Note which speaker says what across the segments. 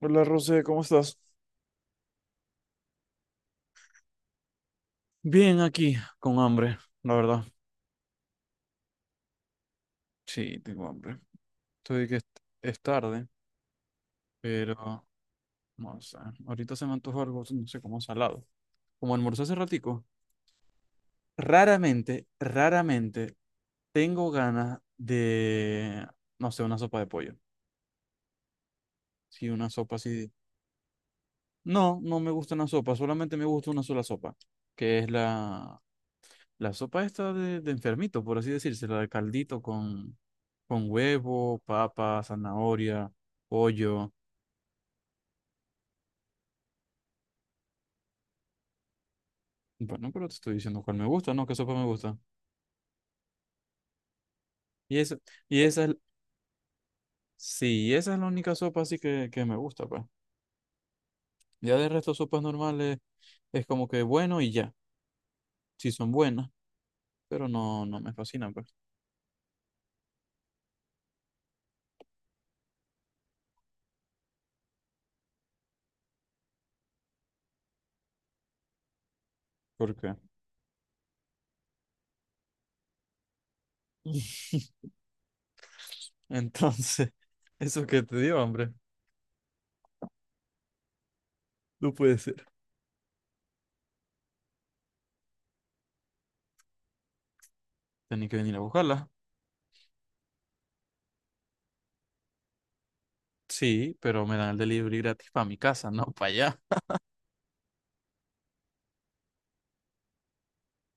Speaker 1: Hola, Rosé, ¿cómo estás? Bien aquí, con hambre, la verdad. Sí, tengo hambre. Estoy que es tarde, pero no sé. Ahorita se me antoja algo, no sé, como salado. Como almorcé hace ratico, raramente, raramente tengo ganas de, no sé, una sopa de pollo. Sí, una sopa así. No, no me gusta una sopa, solamente me gusta una sola sopa, que es la sopa esta de enfermito, por así decirse, la de caldito con huevo, papa, zanahoria, pollo. Bueno, pero te estoy diciendo cuál me gusta, ¿no? ¿Qué sopa me gusta? Y esa, y esa es, sí, esa es la única sopa así que me gusta, pues. Ya de resto, sopas normales es como que bueno y ya, sí son buenas, pero no, no me fascinan, pues. ¿Por qué? Entonces, eso que te dio, hombre. No puede ser. Tenía que venir a buscarla. Sí, pero me dan el delivery gratis para mi casa, no para allá.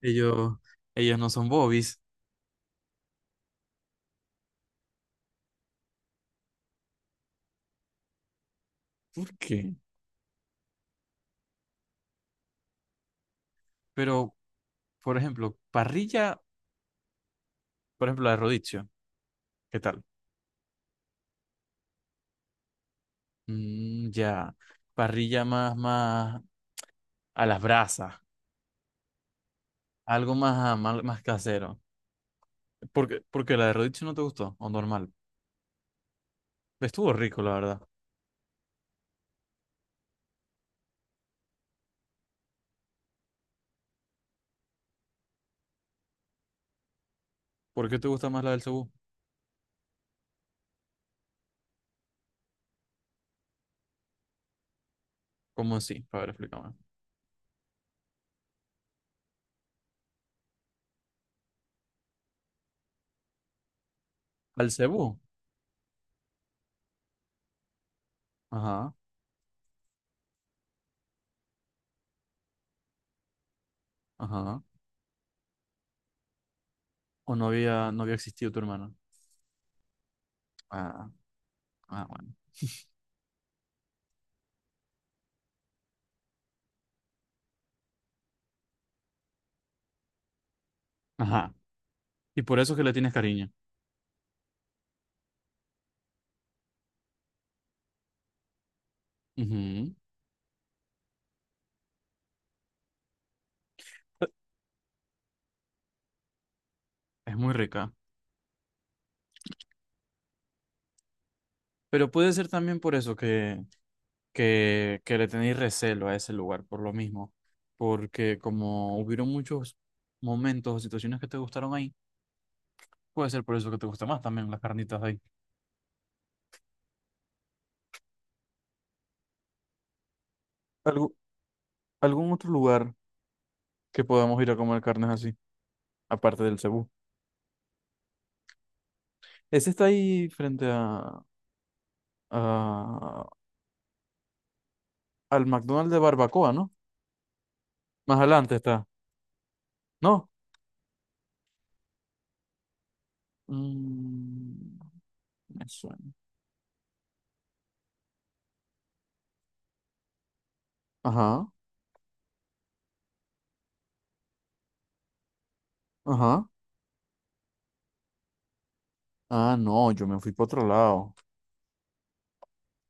Speaker 1: Ellos, ellos no son bobis. ¿Por qué? Pero, por ejemplo, parrilla, por ejemplo, la de Rodicio, ¿qué tal? Mm, ya, parrilla más, más a las brasas, algo más, más, más casero. Porque, porque la de Rodicio no te gustó, o normal. Estuvo rico, la verdad. ¿Por qué te gusta más la del Cebú? ¿Cómo así? A ver, explícame. ¿Al Cebú? Ajá, ajá. ¿O no había, no había existido tu hermano? Ah, ah, bueno. Ajá. Y por eso que le tienes cariño. Ujú. Es muy rica. Pero puede ser también por eso que le tenéis recelo a ese lugar, por lo mismo. Porque como hubieron muchos momentos o situaciones que te gustaron ahí, puede ser por eso que te gusta más también las carnitas de ahí. ¿Algo, algún otro lugar que podamos ir a comer carnes así, aparte del Cebú? Ese está ahí frente a, a- al McDonald's de Barbacoa, ¿no? Más adelante está. ¿No? Mm, me suena. Ajá, ajá. Ah, no, yo me fui para otro lado.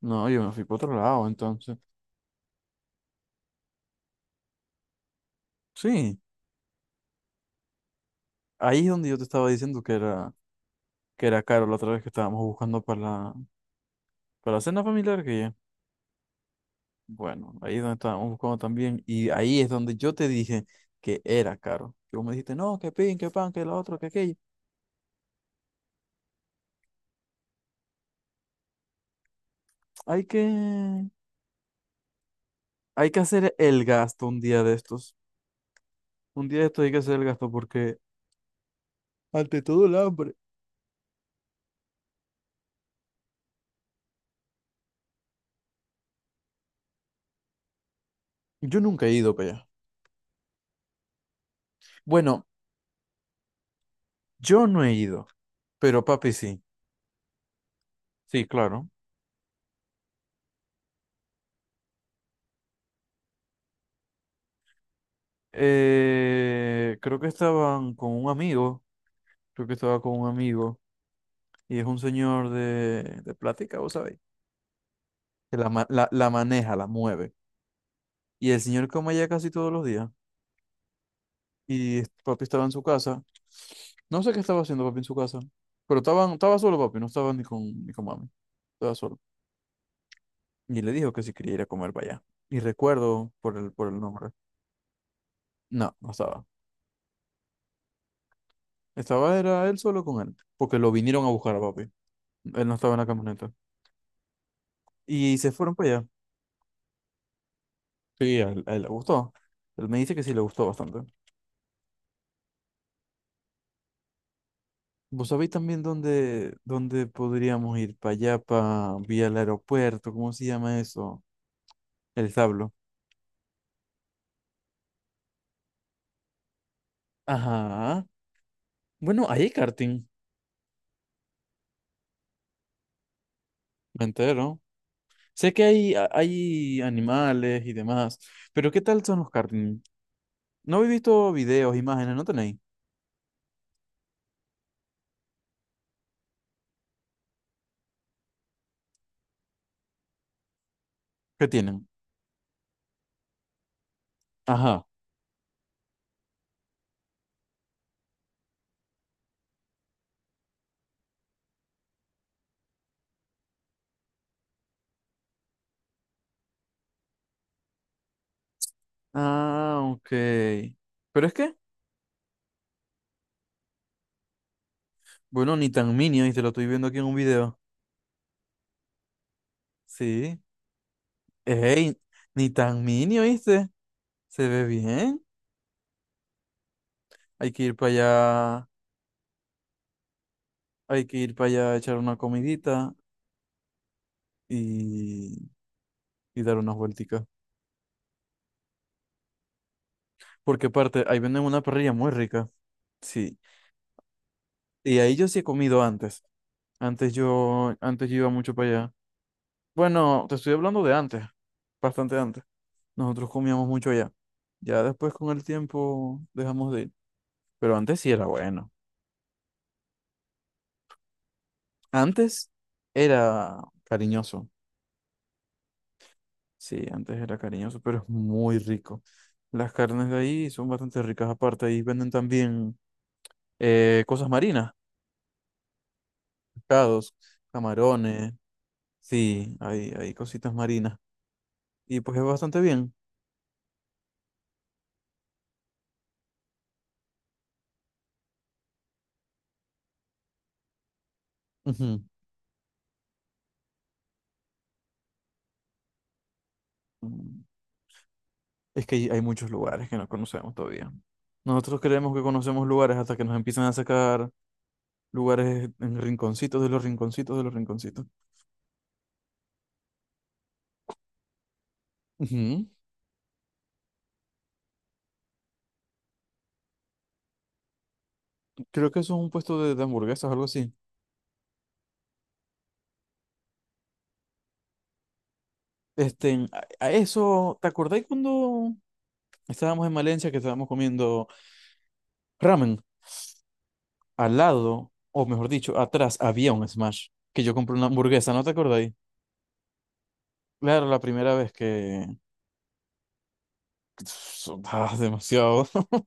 Speaker 1: No, yo me fui para otro lado, entonces. Sí, ahí es donde yo te estaba diciendo que era caro la otra vez que estábamos buscando para la cena familiar que ya. Bueno, ahí es donde estábamos buscando también. Y ahí es donde yo te dije que era caro. Que vos me dijiste, no, que pin, que pan, que lo otro que aquello. Hay que, hay que hacer el gasto un día de estos. Un día de estos hay que hacer el gasto porque ante todo el hambre. Yo nunca he ido para allá. Bueno, yo no he ido, pero papi sí. Sí, claro. Creo que estaban con un amigo, creo que estaba con un amigo, y es un señor de plática, vos sabéis, que la, la, la maneja, la mueve. Y el señor come allá casi todos los días, y papi estaba en su casa. No sé qué estaba haciendo papi en su casa, pero estaban, estaba solo papi, no estaba ni con, ni con mami, estaba solo. Y le dijo que si quería ir a comer para allá. Y recuerdo por el nombre. No, no estaba. Estaba era él solo con él, porque lo vinieron a buscar a papi. Él no estaba en la camioneta. Y se fueron para allá. Sí, a él le gustó. Él me dice que sí le gustó bastante. ¿Vos sabéis también dónde, dónde podríamos ir? Para allá, para vía el aeropuerto, ¿cómo se llama eso? El establo. Ajá. Bueno, ahí hay karting. Me entero. Sé que hay, hay animales y demás, pero ¿qué tal son los karting? No he visto videos, imágenes, ¿no tenéis? ¿Qué tienen? Ajá. Ah, ok. Pero es que, bueno, ni tan mini, ¿viste? Lo estoy viendo aquí en un video. Sí. Ey, ni tan mini, ¿viste? Se ve bien. Hay que ir para allá, hay que ir para allá a echar una comidita y, y dar unas vuelticas. Porque aparte, ahí venden una parrilla muy rica. Sí. Y ahí yo sí he comido antes. Antes yo iba mucho para allá. Bueno, te estoy hablando de antes, bastante antes. Nosotros comíamos mucho allá. Ya después con el tiempo dejamos de ir. Pero antes sí era bueno. Antes era cariñoso. Sí, antes era cariñoso, pero es muy rico. Las carnes de ahí son bastante ricas. Aparte, ahí venden también cosas marinas, pescados, camarones. Sí, hay cositas marinas. Y pues es bastante bien. Ujú. Mm, es que hay muchos lugares que no conocemos todavía. Nosotros creemos que conocemos lugares hasta que nos empiezan a sacar lugares en rinconcitos de los rinconcitos de los rinconcitos. Ujú. Creo que eso es un puesto de hamburguesas o algo así. Este, a eso, ¿te acordáis cuando estábamos en Valencia que estábamos comiendo ramen? Al lado, o mejor dicho, atrás había un Smash que yo compré una hamburguesa, ¿no te acordáis? Claro, la primera vez que... Ah, demasiado.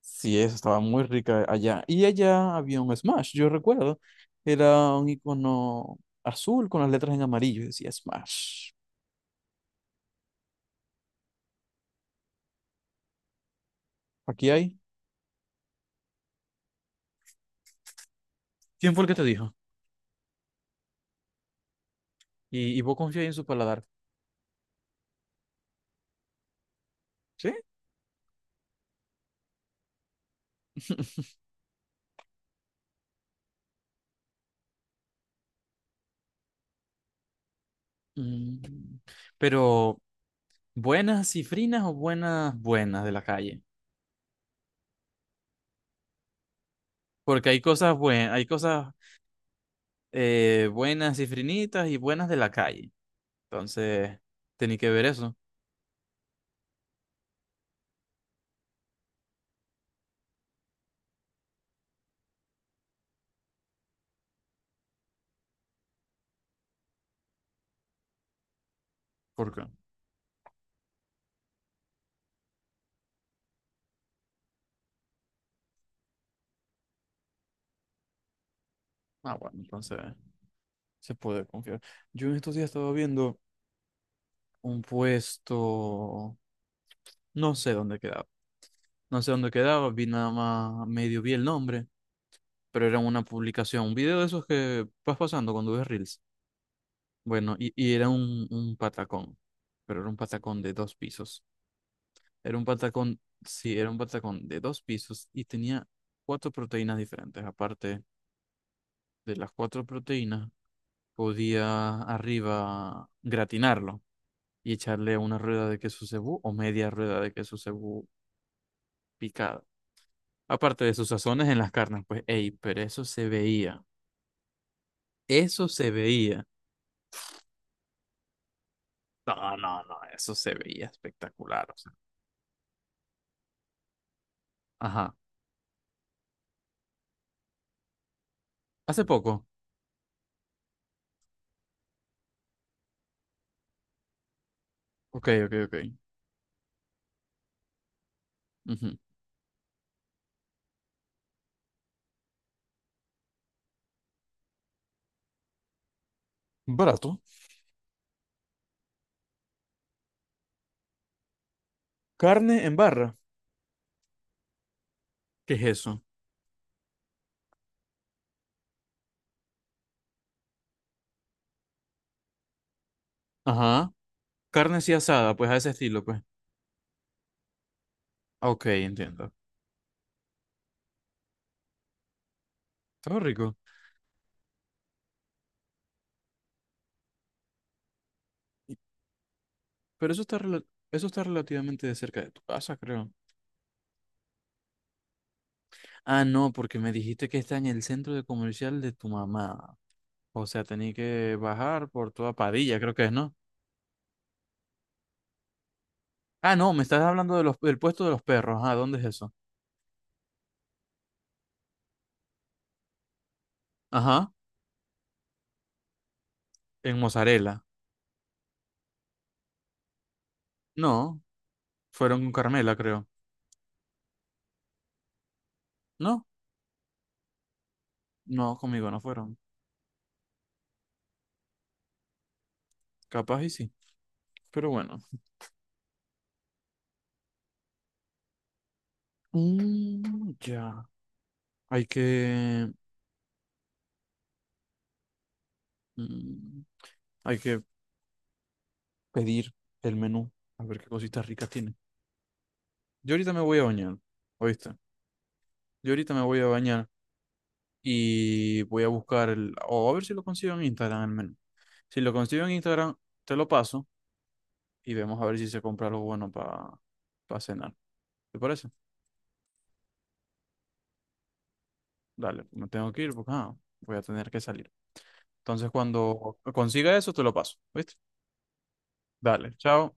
Speaker 1: Sí, eso estaba muy rica allá. Y allá había un Smash, yo recuerdo. Era un icono azul con las letras en amarillo y decía Smash. Aquí hay. ¿Quién fue el que te dijo? Y vos confiáis en su paladar. Sí, mm, pero buenas cifrinas o buenas buenas de la calle. Porque hay cosas buenas cifrinitas y buenas de la calle. Entonces, tenía que ver eso. ¿Por qué? Ah, bueno, entonces se puede confiar. Yo en estos días estaba viendo un puesto, no sé dónde quedaba. No sé dónde quedaba, vi nada más, medio vi el nombre, pero era una publicación, un video de esos que vas pasando cuando ves Reels. Bueno, y era un patacón, pero era un patacón de dos pisos. Era un patacón, sí, era un patacón de dos pisos y tenía cuatro proteínas diferentes. Aparte de las cuatro proteínas, podía arriba gratinarlo y echarle una rueda de queso cebú o media rueda de queso cebú picada. Aparte de sus sazones en las carnes, pues, ey, pero eso se veía. Eso se veía. No, no, no, eso se veía espectacular. O sea, ajá. Hace poco. Ok, ok, ok. Ujú. Barato. Carne en barra. ¿Qué es eso? Ajá. Carne así asada, pues a ese estilo, pues. Ah, ok, entiendo. Está rico. Y- Pero eso está, eso está relativamente de cerca de tu casa, creo. Ah, no, porque me dijiste que está en el centro de comercial de tu mamá. O sea, tenía que bajar por toda Padilla, creo que es, ¿no? Ah, no, me estás hablando de los, del puesto de los perros. Ah, ¿dónde es eso? Ajá. En Mozzarella. No, fueron con Carmela, creo. No, no, conmigo no fueron. Capaz y sí. Pero bueno. Mm, ya. Hay que, mm, hay que pedir el menú a ver qué cositas ricas tiene. Yo ahorita me voy a bañar, ¿oíste? Yo ahorita me voy a bañar y voy a buscar el, o a ver si lo consigo en Instagram el menú. Si lo consigo en Instagram, te lo paso y vemos a ver si se compra algo bueno para cenar. ¿Te parece? Dale, me tengo que ir porque ah, voy a tener que salir. Entonces, cuando consiga eso, te lo paso, ¿viste? Dale, chao.